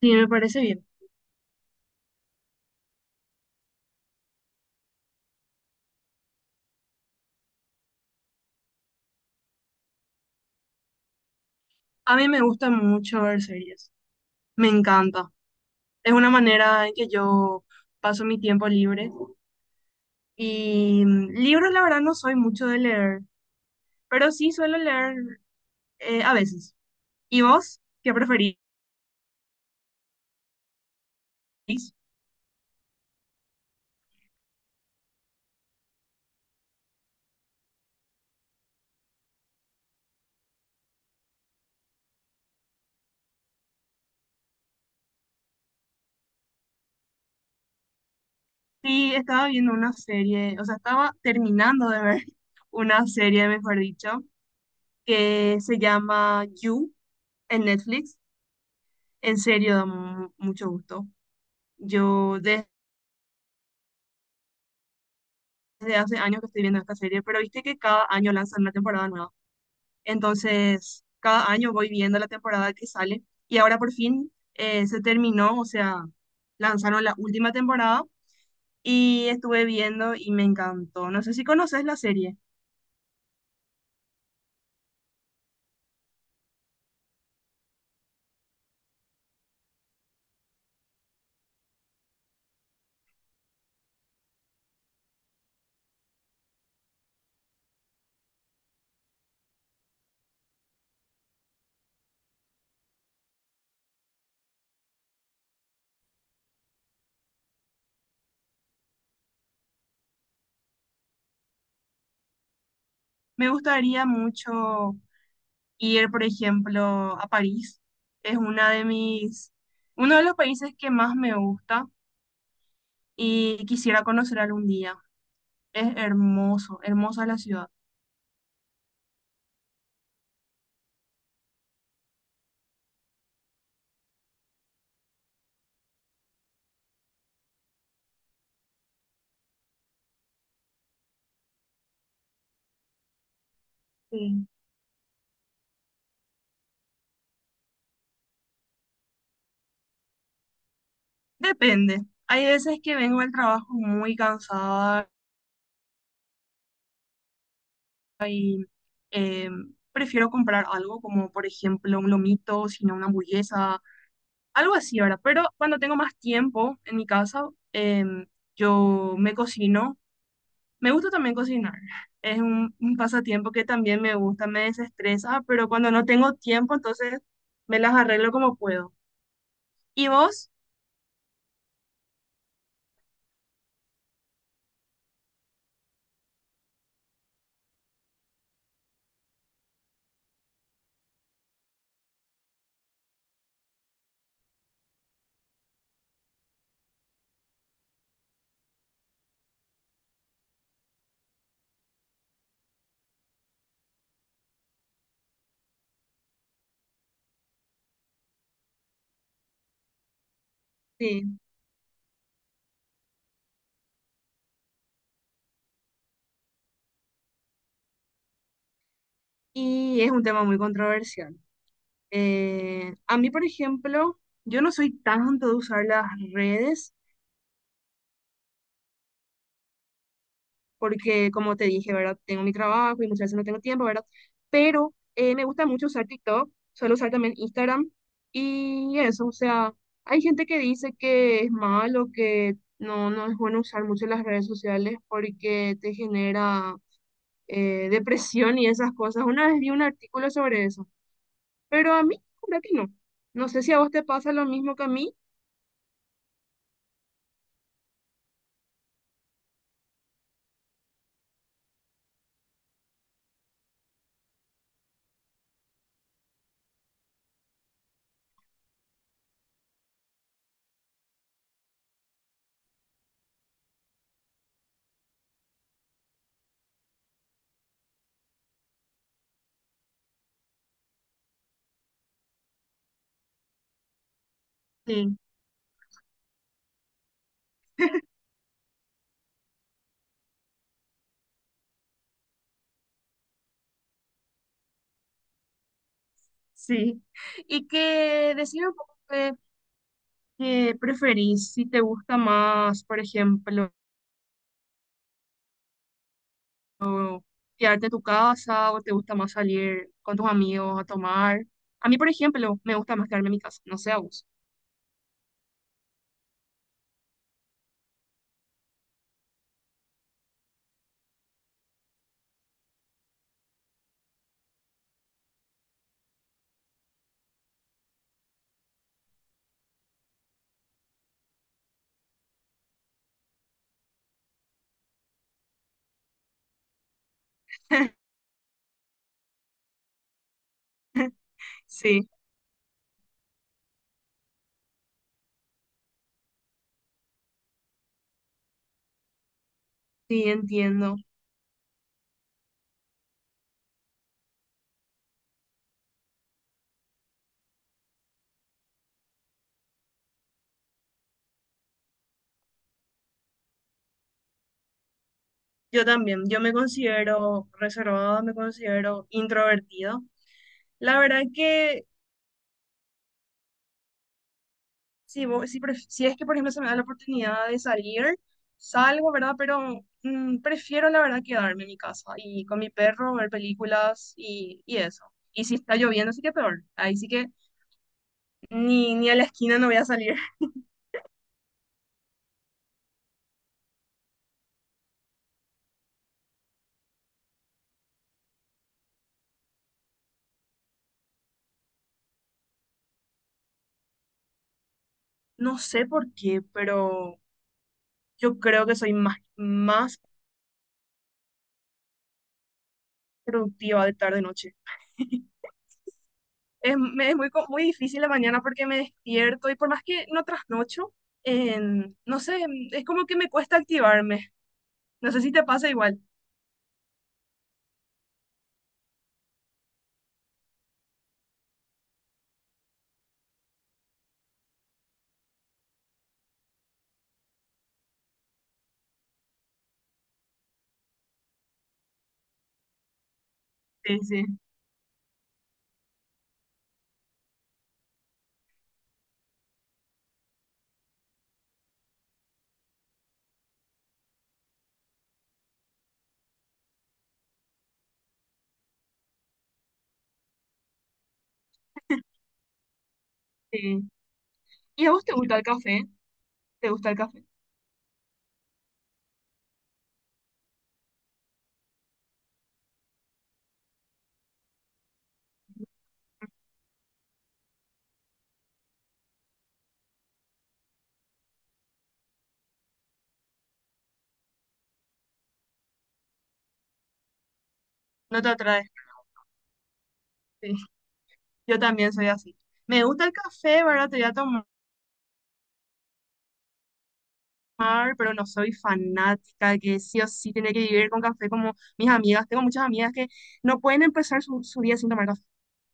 Sí, me parece bien. A mí me gusta mucho ver series. Me encanta. Es una manera en que yo paso mi tiempo libre. Y libros, la verdad, no soy mucho de leer, pero sí suelo leer a veces. ¿Y vos? ¿Qué preferís? Sí, estaba viendo una serie, o sea, estaba terminando de ver una serie, mejor dicho, que se llama You en Netflix. En serio, da mucho gusto. Yo desde hace años que estoy viendo esta serie, pero viste que cada año lanzan una temporada nueva. Entonces, cada año voy viendo la temporada que sale y ahora por fin se terminó, o sea, lanzaron la última temporada y estuve viendo y me encantó. No sé si conoces la serie. Me gustaría mucho ir, por ejemplo, a París. Es una de uno de los países que más me gusta y quisiera conocer algún día. Es hermoso, hermosa la ciudad. Sí. Depende. Hay veces que vengo del trabajo muy cansada. eh, Prefiero comprar algo como, por ejemplo, un lomito, sino una hamburguesa, algo así, ¿verdad? Pero cuando tengo más tiempo en mi casa, eh, yo me cocino. Me gusta también cocinar. Es un pasatiempo que también me gusta, me desestresa, pero cuando no tengo tiempo, entonces me las arreglo como puedo. ¿Y vos? Sí. Y es un tema muy controversial. A mí, por ejemplo, yo no soy tanto de usar las redes porque, como te dije, ¿verdad? Tengo mi trabajo y muchas veces no tengo tiempo, ¿verdad? Pero me gusta mucho usar TikTok, suelo usar también Instagram y eso, o sea, hay gente que dice que es malo, que no, no es bueno usar mucho las redes sociales porque te genera depresión y esas cosas. Una vez vi un artículo sobre eso, pero a mí, creo que no. No sé si a vos te pasa lo mismo que a mí. Sí. Sí, y que decime un poco qué preferís, si te gusta más, por ejemplo, quedarte en tu casa o te gusta más salir con tus amigos a tomar. A mí, por ejemplo, me gusta más quedarme en mi casa, no sé a vos. Sí, sí, entiendo. Yo también, yo me considero reservada, me considero introvertida. La verdad que si, si, si es que, por ejemplo, se me da la oportunidad de salir, salgo, ¿verdad? Pero prefiero, la verdad, quedarme en mi casa y con mi perro, ver películas y eso. Y si está lloviendo, sí que peor. Ahí sí que ni a la esquina no voy a salir. No sé por qué, pero yo creo que soy más productiva de tarde-noche. Es, me es muy, muy difícil la mañana porque me despierto y por más que no trasnocho, no sé, es como que me cuesta activarme. No sé si te pasa igual. Sí, sí. Sí. ¿Y a vos te gusta el café? ¿Te gusta el café? No te atrae. Sí, yo también soy así. Me gusta el café, ¿verdad? Te voy a tomar, pero no soy fanática que sí o sí tiene que vivir con café como mis amigas. Tengo muchas amigas que no pueden empezar su día sin tomar café.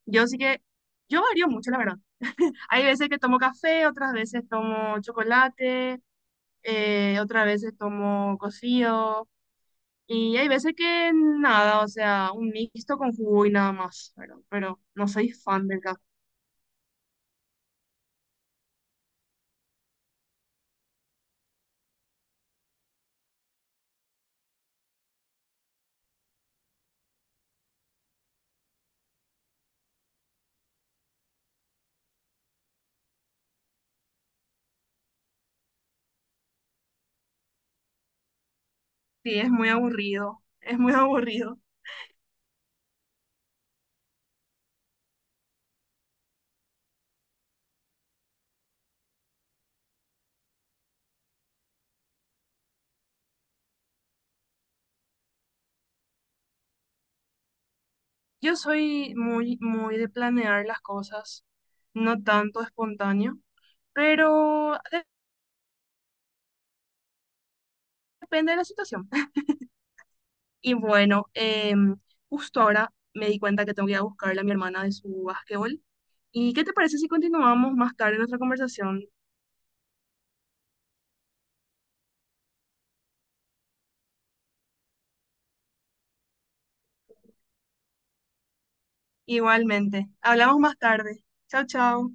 Yo sí que, yo varío mucho, la verdad. Hay veces que tomo café, otras veces tomo chocolate, otras veces tomo cocido. Y hay veces que nada, o sea, un mixto con jugo y nada más, ¿verdad? Pero no soy fan del café. Sí, es muy aburrido, es muy aburrido. Yo soy muy de planear las cosas, no tanto espontáneo, pero depende de la situación. Y bueno, justo ahora me di cuenta que tengo que ir a buscarle a mi hermana de su básquetbol. ¿Y qué te parece si continuamos más tarde nuestra conversación? Igualmente, hablamos más tarde. Chao, chao.